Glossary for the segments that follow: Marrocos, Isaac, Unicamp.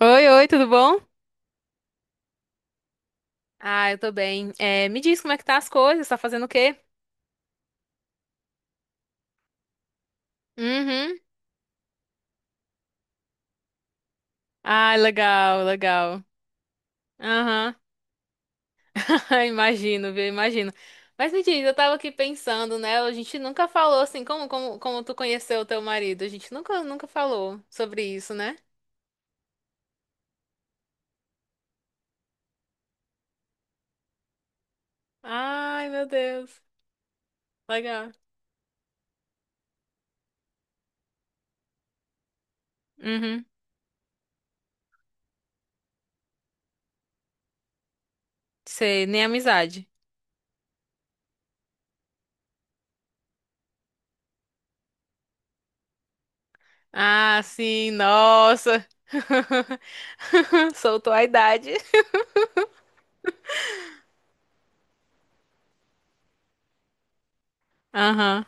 Oi, oi, tudo bom? Ah, eu tô bem. É, me diz como é que tá as coisas, tá fazendo o quê? Uhum. Ah, legal, legal. Aham. Imagino, viu? Imagino. Mas me diz, eu tava aqui pensando, né? A gente nunca falou assim, como tu conheceu o teu marido? A gente nunca, nunca falou sobre isso, né? Ai, meu Deus. Legal. Uhum. Sei, nem amizade. Ah, sim, nossa. Soltou a idade. Aham,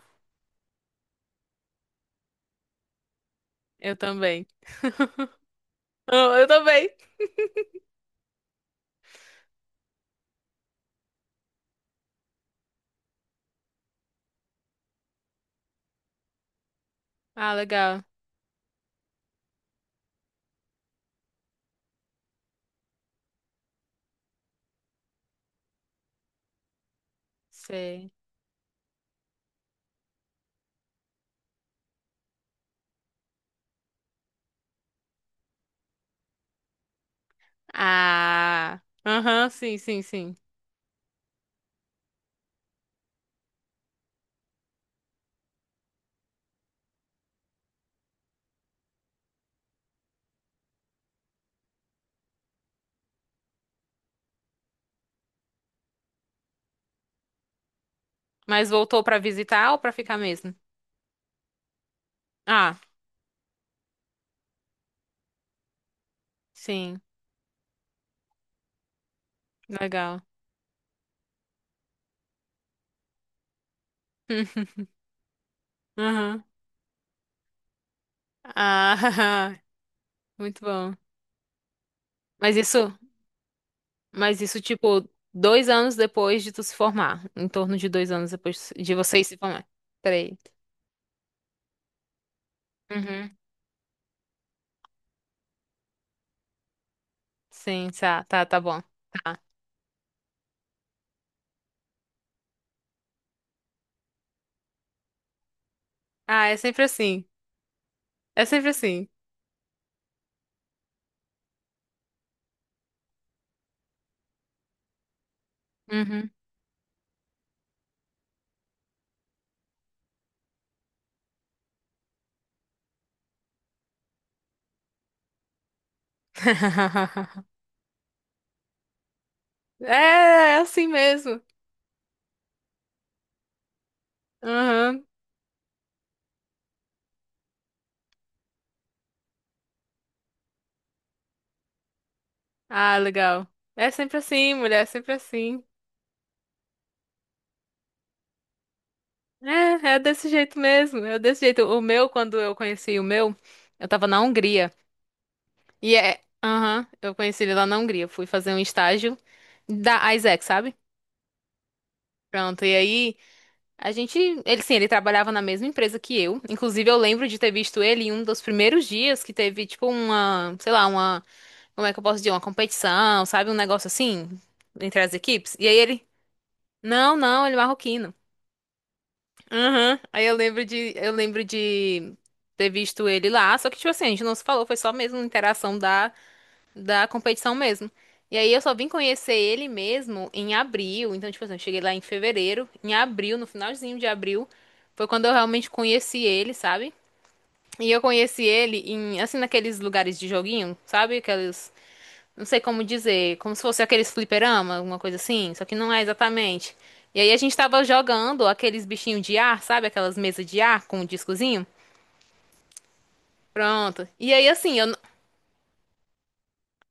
eu também. Ah, eu também. Ah, legal. Sei. Ah, aham, sim, sim, sim. Mas voltou pra visitar ou pra ficar mesmo? Ah, sim, legal. Aham. Ah, muito bom. Mas isso, mas isso, tipo, 2 anos depois de tu se formar. Em torno de 2 anos depois de vocês se formar. Peraí. Uhum. Sim, tá, tá, tá bom. Tá. Ah, é sempre assim. É sempre assim. Uhum. É, é assim mesmo. Aham. Ah, legal. É sempre assim, mulher, é sempre assim. É desse jeito mesmo, é desse jeito. O meu, quando eu conheci o meu, eu tava na Hungria. E é. Aham, eu conheci ele lá na Hungria. Fui fazer um estágio da Isaac, sabe? Pronto, e aí a gente. Ele sim, ele trabalhava na mesma empresa que eu. Inclusive, eu lembro de ter visto ele em um dos primeiros dias que teve, tipo, uma. Sei lá, uma. Como é que eu posso dizer? Uma competição, sabe? Um negócio assim, entre as equipes. E aí ele. Não, não, ele é marroquino. Aham. Aí eu lembro de ter visto ele lá, só que tipo assim, a gente não se falou, foi só mesmo interação da competição mesmo. E aí eu só vim conhecer ele mesmo em abril, então tipo assim, eu cheguei lá em fevereiro, em abril, no finalzinho de abril, foi quando eu realmente conheci ele, sabe? E eu conheci ele em, assim, naqueles lugares de joguinho, sabe? Aqueles não sei como dizer, como se fosse aqueles fliperama, alguma coisa assim, só que não é exatamente. E aí a gente tava jogando aqueles bichinhos de ar, sabe? Aquelas mesas de ar com um discozinho. Pronto. E aí assim, eu.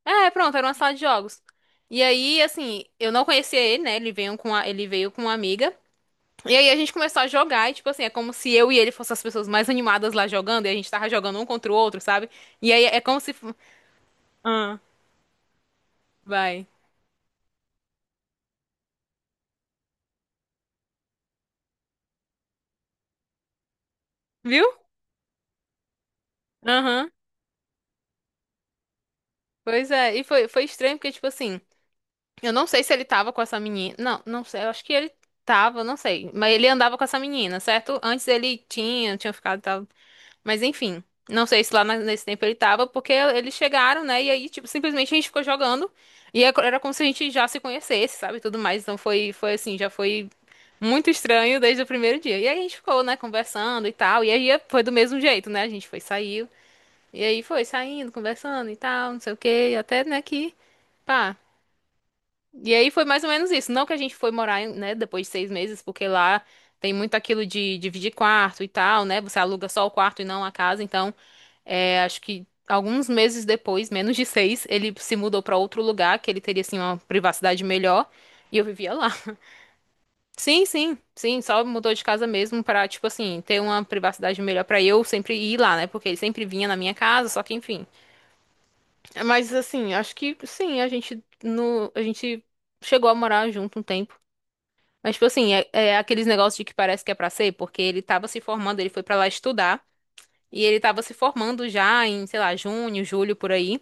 É, pronto, era uma sala de jogos. E aí, assim, eu não conhecia ele, né? Ele veio com uma amiga. E aí a gente começou a jogar e, tipo assim, é como se eu e ele fossem as pessoas mais animadas lá jogando e a gente tava jogando um contra o outro, sabe? E aí é como se. Ah, vai. Viu? Aham. Pois é. E foi estranho porque, tipo assim. Eu não sei se ele tava com essa menina. Não, não sei. Eu acho que ele tava, não sei. Mas ele andava com essa menina, certo? Antes ele tinha ficado, tava... Mas enfim, não sei se lá nesse tempo ele tava, porque eles chegaram, né? E aí, tipo, simplesmente a gente ficou jogando. Era como se a gente já se conhecesse, sabe? Tudo mais. Então foi assim, já foi muito estranho desde o primeiro dia. E aí a gente ficou, né, conversando e tal. E aí foi do mesmo jeito, né? A gente foi, saiu. E aí foi saindo, conversando e tal, não sei o quê. Até, né, que. Pá. E aí foi mais ou menos isso. Não que a gente foi morar, né, depois de 6 meses, porque lá tem muito aquilo de dividir quarto e tal, né? Você aluga só o quarto e não a casa. Então, é, acho que alguns meses depois, menos de seis, ele se mudou pra outro lugar, que ele teria, assim, uma privacidade melhor. E eu vivia lá. Sim, sim, sim. Só mudou de casa mesmo pra, tipo assim, ter uma privacidade melhor pra eu sempre ir lá, né? Porque ele sempre vinha na minha casa, só que enfim. Mas, assim, acho que sim, a gente, no, a gente chegou a morar junto um tempo. Mas, tipo assim, é aqueles negócios de que parece que é pra ser, porque ele tava se formando, ele foi pra lá estudar, e ele tava se formando já em, sei lá, junho, julho, por aí,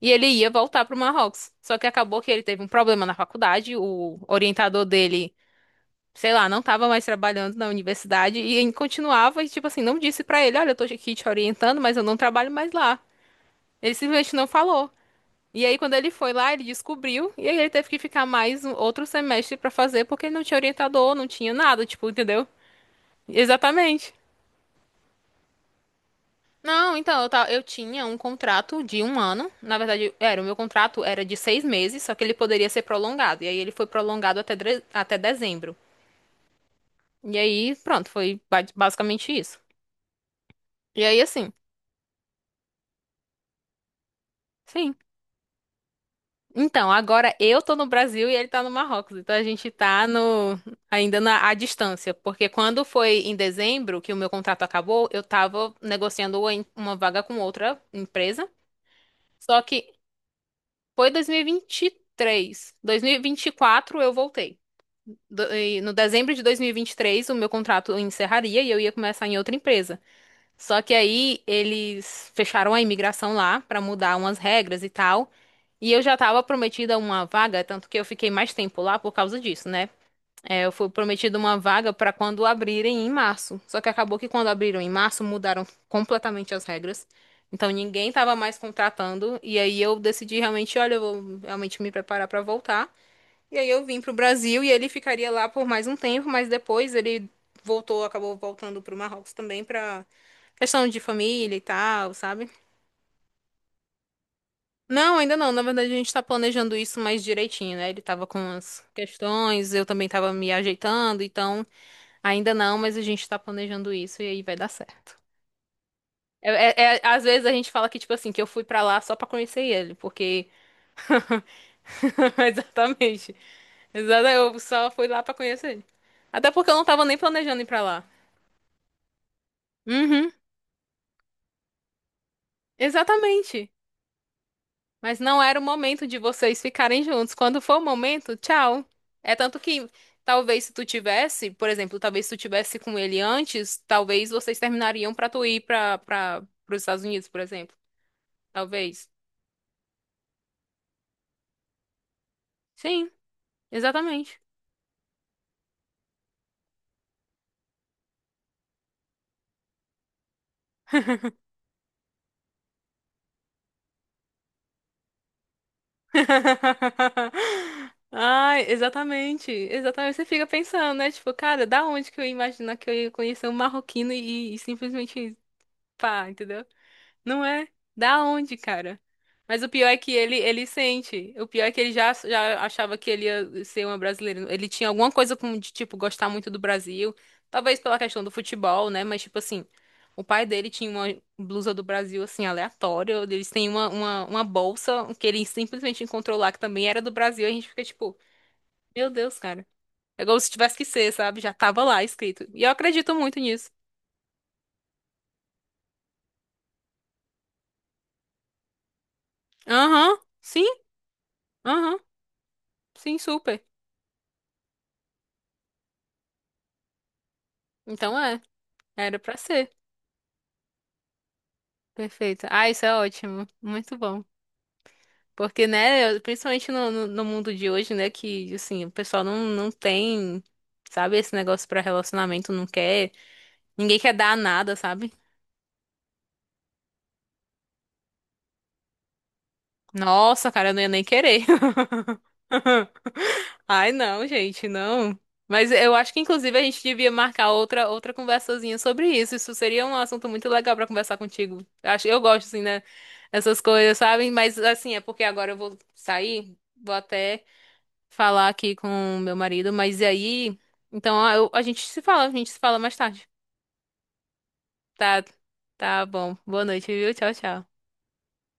e ele ia voltar pro Marrocos. Só que acabou que ele teve um problema na faculdade, o orientador dele, sei lá, não tava mais trabalhando na universidade, e ele continuava, e, tipo assim, não disse pra ele, olha, eu tô aqui te orientando, mas eu não trabalho mais lá. Ele simplesmente não falou. E aí, quando ele foi lá, ele descobriu, e aí ele teve que ficar mais outro semestre pra fazer, porque ele não tinha orientador, não tinha nada, tipo, entendeu? Exatamente. Não, então, eu tinha um contrato de um ano. Na verdade, era, o meu contrato era de 6 meses, só que ele poderia ser prolongado. E aí ele foi prolongado até dezembro. E aí, pronto, foi basicamente isso. E aí, assim, sim. Então, agora eu tô no Brasil e ele tá no Marrocos. Então a gente tá no, ainda na, à distância. Porque quando foi em dezembro que o meu contrato acabou, eu tava negociando uma vaga com outra empresa. Só que foi 2023. 2024 eu voltei. No dezembro de 2023, o meu contrato encerraria e eu ia começar em outra empresa. Só que aí eles fecharam a imigração lá pra mudar umas regras e tal. E eu já tava prometida uma vaga, tanto que eu fiquei mais tempo lá por causa disso, né? É, eu fui prometida uma vaga para quando abrirem em março. Só que acabou que quando abriram em março, mudaram completamente as regras. Então ninguém estava mais contratando. E aí eu decidi realmente, olha, eu vou realmente me preparar para voltar. E aí eu vim para o Brasil e ele ficaria lá por mais um tempo, mas depois ele voltou, acabou voltando para o Marrocos também para questão de família e tal, sabe? Não, ainda não. Na verdade, a gente tá planejando isso mais direitinho, né? Ele tava com as questões, eu também tava me ajeitando, então. Ainda não, mas a gente tá planejando isso e aí vai dar certo. É, é, às vezes a gente fala que, tipo assim, que eu fui pra lá só pra conhecer ele, porque. Exatamente. Exatamente. Eu só fui lá pra conhecer ele. Até porque eu não tava nem planejando ir pra lá. Uhum, exatamente. Mas não era o momento de vocês ficarem juntos. Quando for o momento, tchau. É tanto que talvez se tu tivesse, por exemplo, talvez se tu tivesse com ele antes, talvez vocês terminariam pra tu ir pros Estados Unidos, por exemplo. Talvez. Sim. Exatamente. Ai, exatamente. Exatamente. Você fica pensando, né? Tipo, cara, da onde que eu ia imaginar que eu ia conhecer um marroquino e simplesmente pá, entendeu? Não é? Da onde, cara? Mas o pior é que ele sente. O pior é que ele já achava que ele ia ser uma brasileira. Ele tinha alguma coisa com, de, tipo, gostar muito do Brasil. Talvez pela questão do futebol, né? Mas, tipo assim, o pai dele tinha uma blusa do Brasil, assim, aleatória. Eles têm uma bolsa que ele simplesmente encontrou lá, que também era do Brasil. E a gente fica, tipo, meu Deus, cara. É como se tivesse que ser, sabe? Já tava lá escrito. E eu acredito muito nisso. Aham, sim, aham, sim, super. Então é. Era pra ser. Perfeito. Ah, isso é ótimo. Muito bom. Porque, né, principalmente no mundo de hoje, né, que, assim, o pessoal não tem, sabe, esse negócio pra relacionamento, não quer. Ninguém quer dar nada, sabe? Nossa, cara, eu não ia nem querer. Ai, não, gente, não. Mas eu acho que inclusive a gente devia marcar outra conversazinha sobre isso. Isso seria um assunto muito legal pra conversar contigo. Acho, eu gosto assim, né? Essas coisas, sabe? Mas assim, é porque agora eu vou sair, vou até falar aqui com meu marido, mas e aí, então a gente se fala mais tarde. Tá, tá bom. Boa noite, viu? Tchau, tchau.